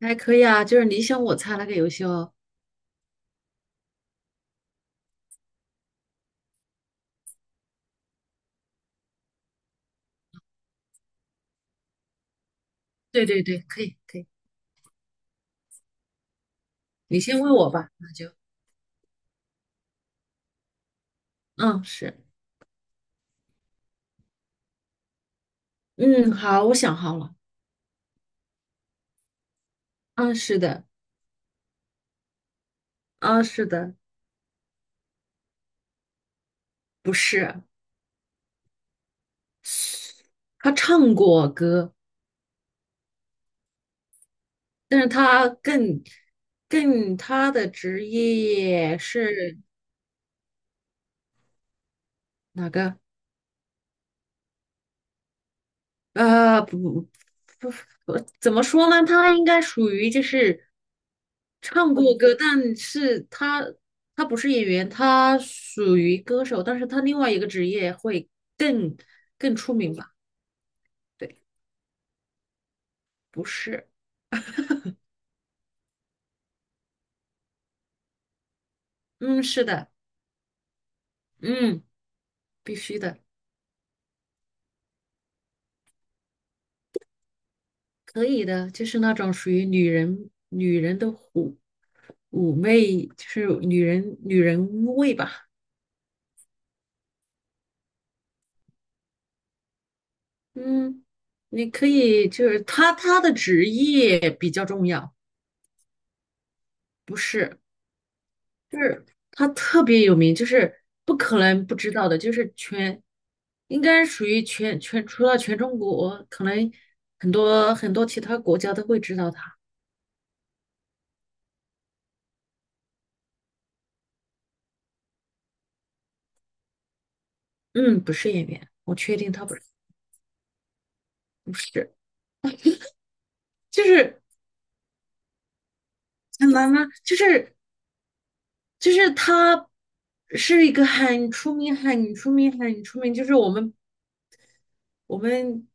还可以啊，就是你想我猜那个游戏哦。对对对，可以可以，你先问我吧，那就嗯是嗯好，我想好了。嗯是的。嗯是的。不是。他唱过歌，但是他更他的职业是哪个？呃不不不，不怎么说呢？他应该属于就是。唱过歌，但是他不是演员，他属于歌手，但是他另外一个职业会更更出名吧？对。不是。嗯，是的。嗯，必须的。可以的，就是那种属于女人的妩媚，就是女人女人味吧？嗯，你可以，就是他的职业比较重要。不是。就是他特别有名，就是不可能不知道的，就是全，应该属于全，除了全中国，可能很多其他国家都会知道他。嗯，不是演员，我确定他不是。不是。就是很难吗？就是就是他是一个很出名，就是我们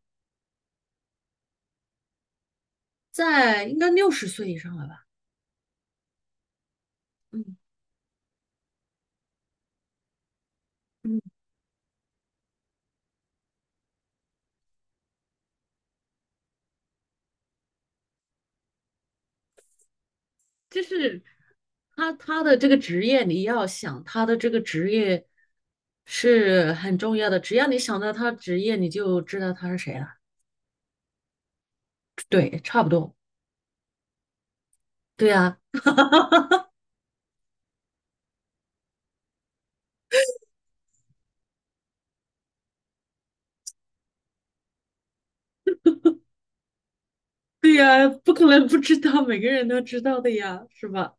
在应该六十岁以上了吧？嗯嗯，就是。他的这个职业，你要想他的这个职业是很重要的。只要你想到他职业，你就知道他是谁了。对，差不多。对呀。对呀，不可能不知道，每个人都知道的呀，是吧？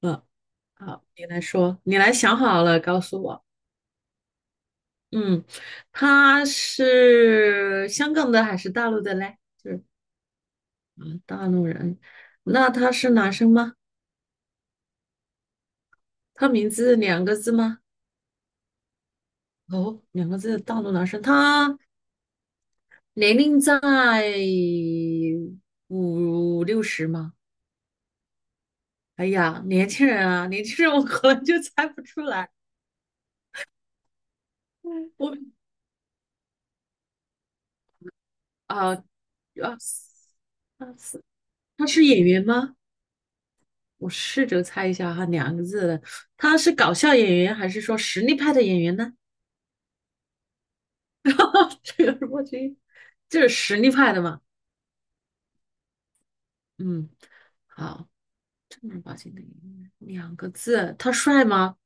嗯，好，你来说，你来想好了告诉我。嗯，他是香港的还是大陆的嘞？就是啊，大陆人。那他是男生吗？他名字两个字吗？哦，两个字，大陆男生。他年龄在五六十吗？哎呀，年轻人啊，年轻人我可能就猜不出来。我啊，二四二四他是演员吗？我试着猜一下哈，两个字的，他是搞笑演员还是说实力派的演员呢？这个我觉得这是实力派的嘛。嗯，好，正儿八经的演员，两个字，他帅吗？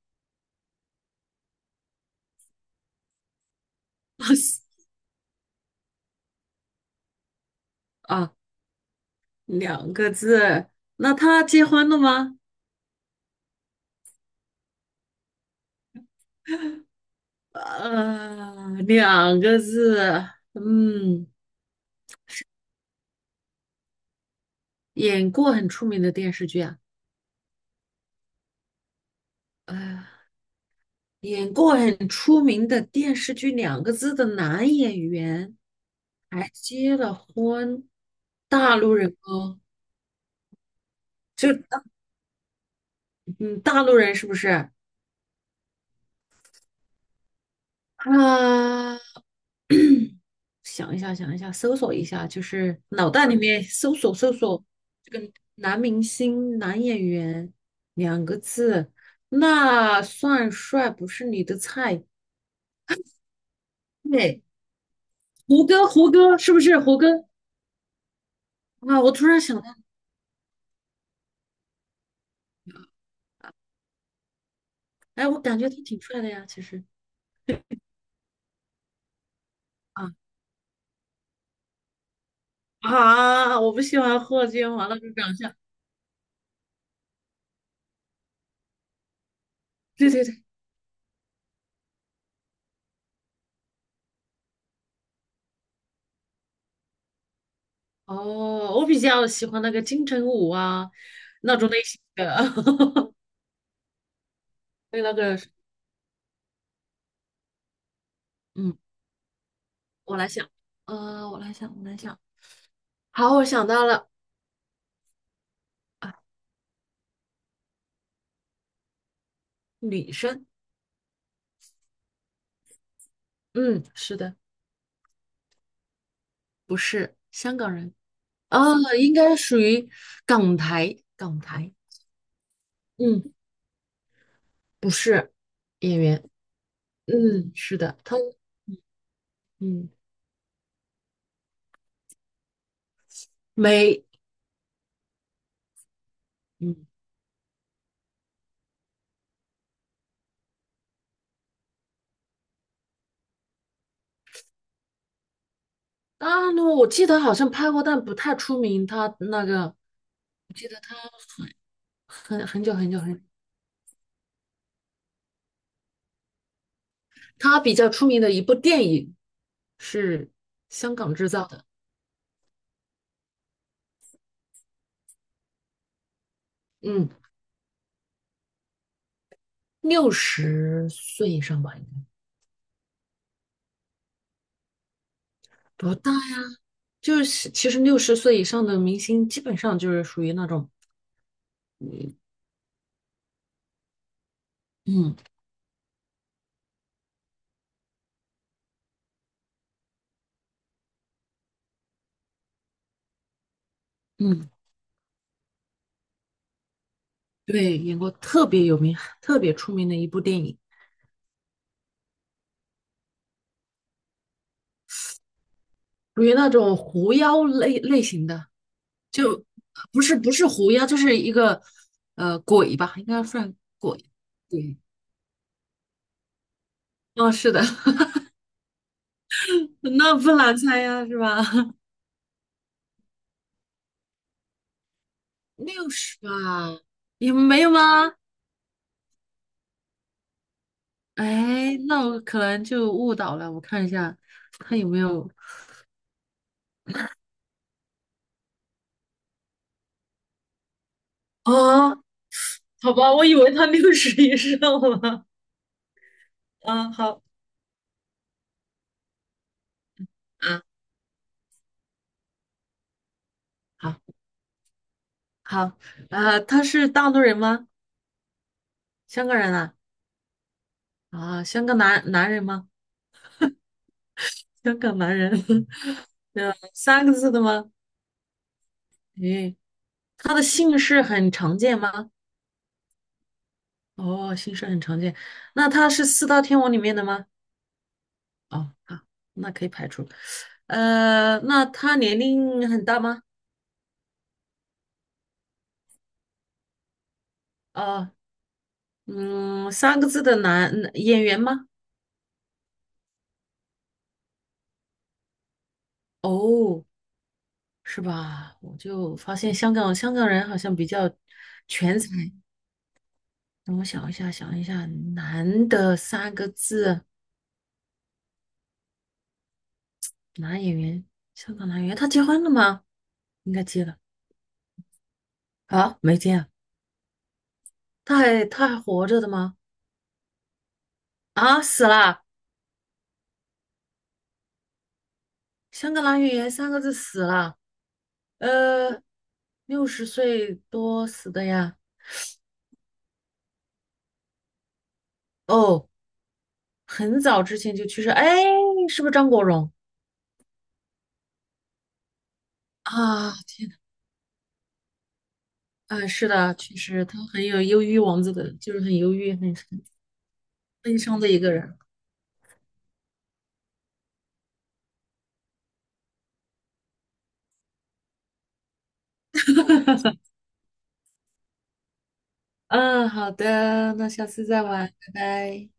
啊，两个字，那他结婚了吗？呃，两个字，嗯，演过很出名的电视剧啊。呃，演过很出名的电视剧，两个字的男演员还结了婚，大陆人哦。就嗯，大陆人是不是？啊，想一下，想一下，搜索一下，就是脑袋里面搜索搜索男明星、男演员两个字，那算帅不是你的菜。对，胡歌，胡歌是不是胡歌啊？我突然想到。哎，我感觉他挺帅的呀，其实啊。啊，我不喜欢霍建华那种长相。对对对，哦，我比较喜欢那个金城武啊，那种类型的。对，那个是嗯，我来想。呃，我来想，我来想，好，我想到了啊。女生。嗯，是的。不是香港人啊，应该属于港台，港台。嗯，不是。演员。嗯，是的，他嗯没嗯啊，那我记得好像拍过，但不太出名。他那个很很久很久很，他比较出名的一部电影是香港制造的。嗯，六十岁以上吧，应该不大呀。就是其实六十岁以上的明星，基本上就是属于那种嗯嗯，对，演过特别有名、特别出名的一部电影，属于那种狐妖类类型的。就不是不是狐妖，就是一个呃鬼吧，应该算鬼。对。哦，是的。那不难猜呀，是吧？六十吧，你们没有吗？哎，那我可能就误导了。我看一下，他有没有啊？好吧，我以为他六十以上了。啊，好啊，好，好，呃，他是大陆人吗？香港人啊？啊，香港男人吗？香港男人。呃，三个字的吗？诶，他的姓氏很常见吗？哦，姓氏很常见，那他是四大天王里面的吗？哦，好，那可以排除。呃，那他年龄很大吗？呃，嗯，三个字的男演员吗？哦，是吧？我就发现香港人好像比较全才。让我想一下，想一下，男的三个字男演员，香港男演员，他结婚了吗？应该结了。啊，没结啊。他还活着的吗？啊，死了！香格兰语言三个字死了。呃，六十岁多死的呀。哦，很早之前就去世。哎，是不是张国荣啊？天呐。哎，是的，确实他很有忧郁王子的，就是很忧郁、很悲伤的一个人。嗯，好的，那下次再玩，拜拜。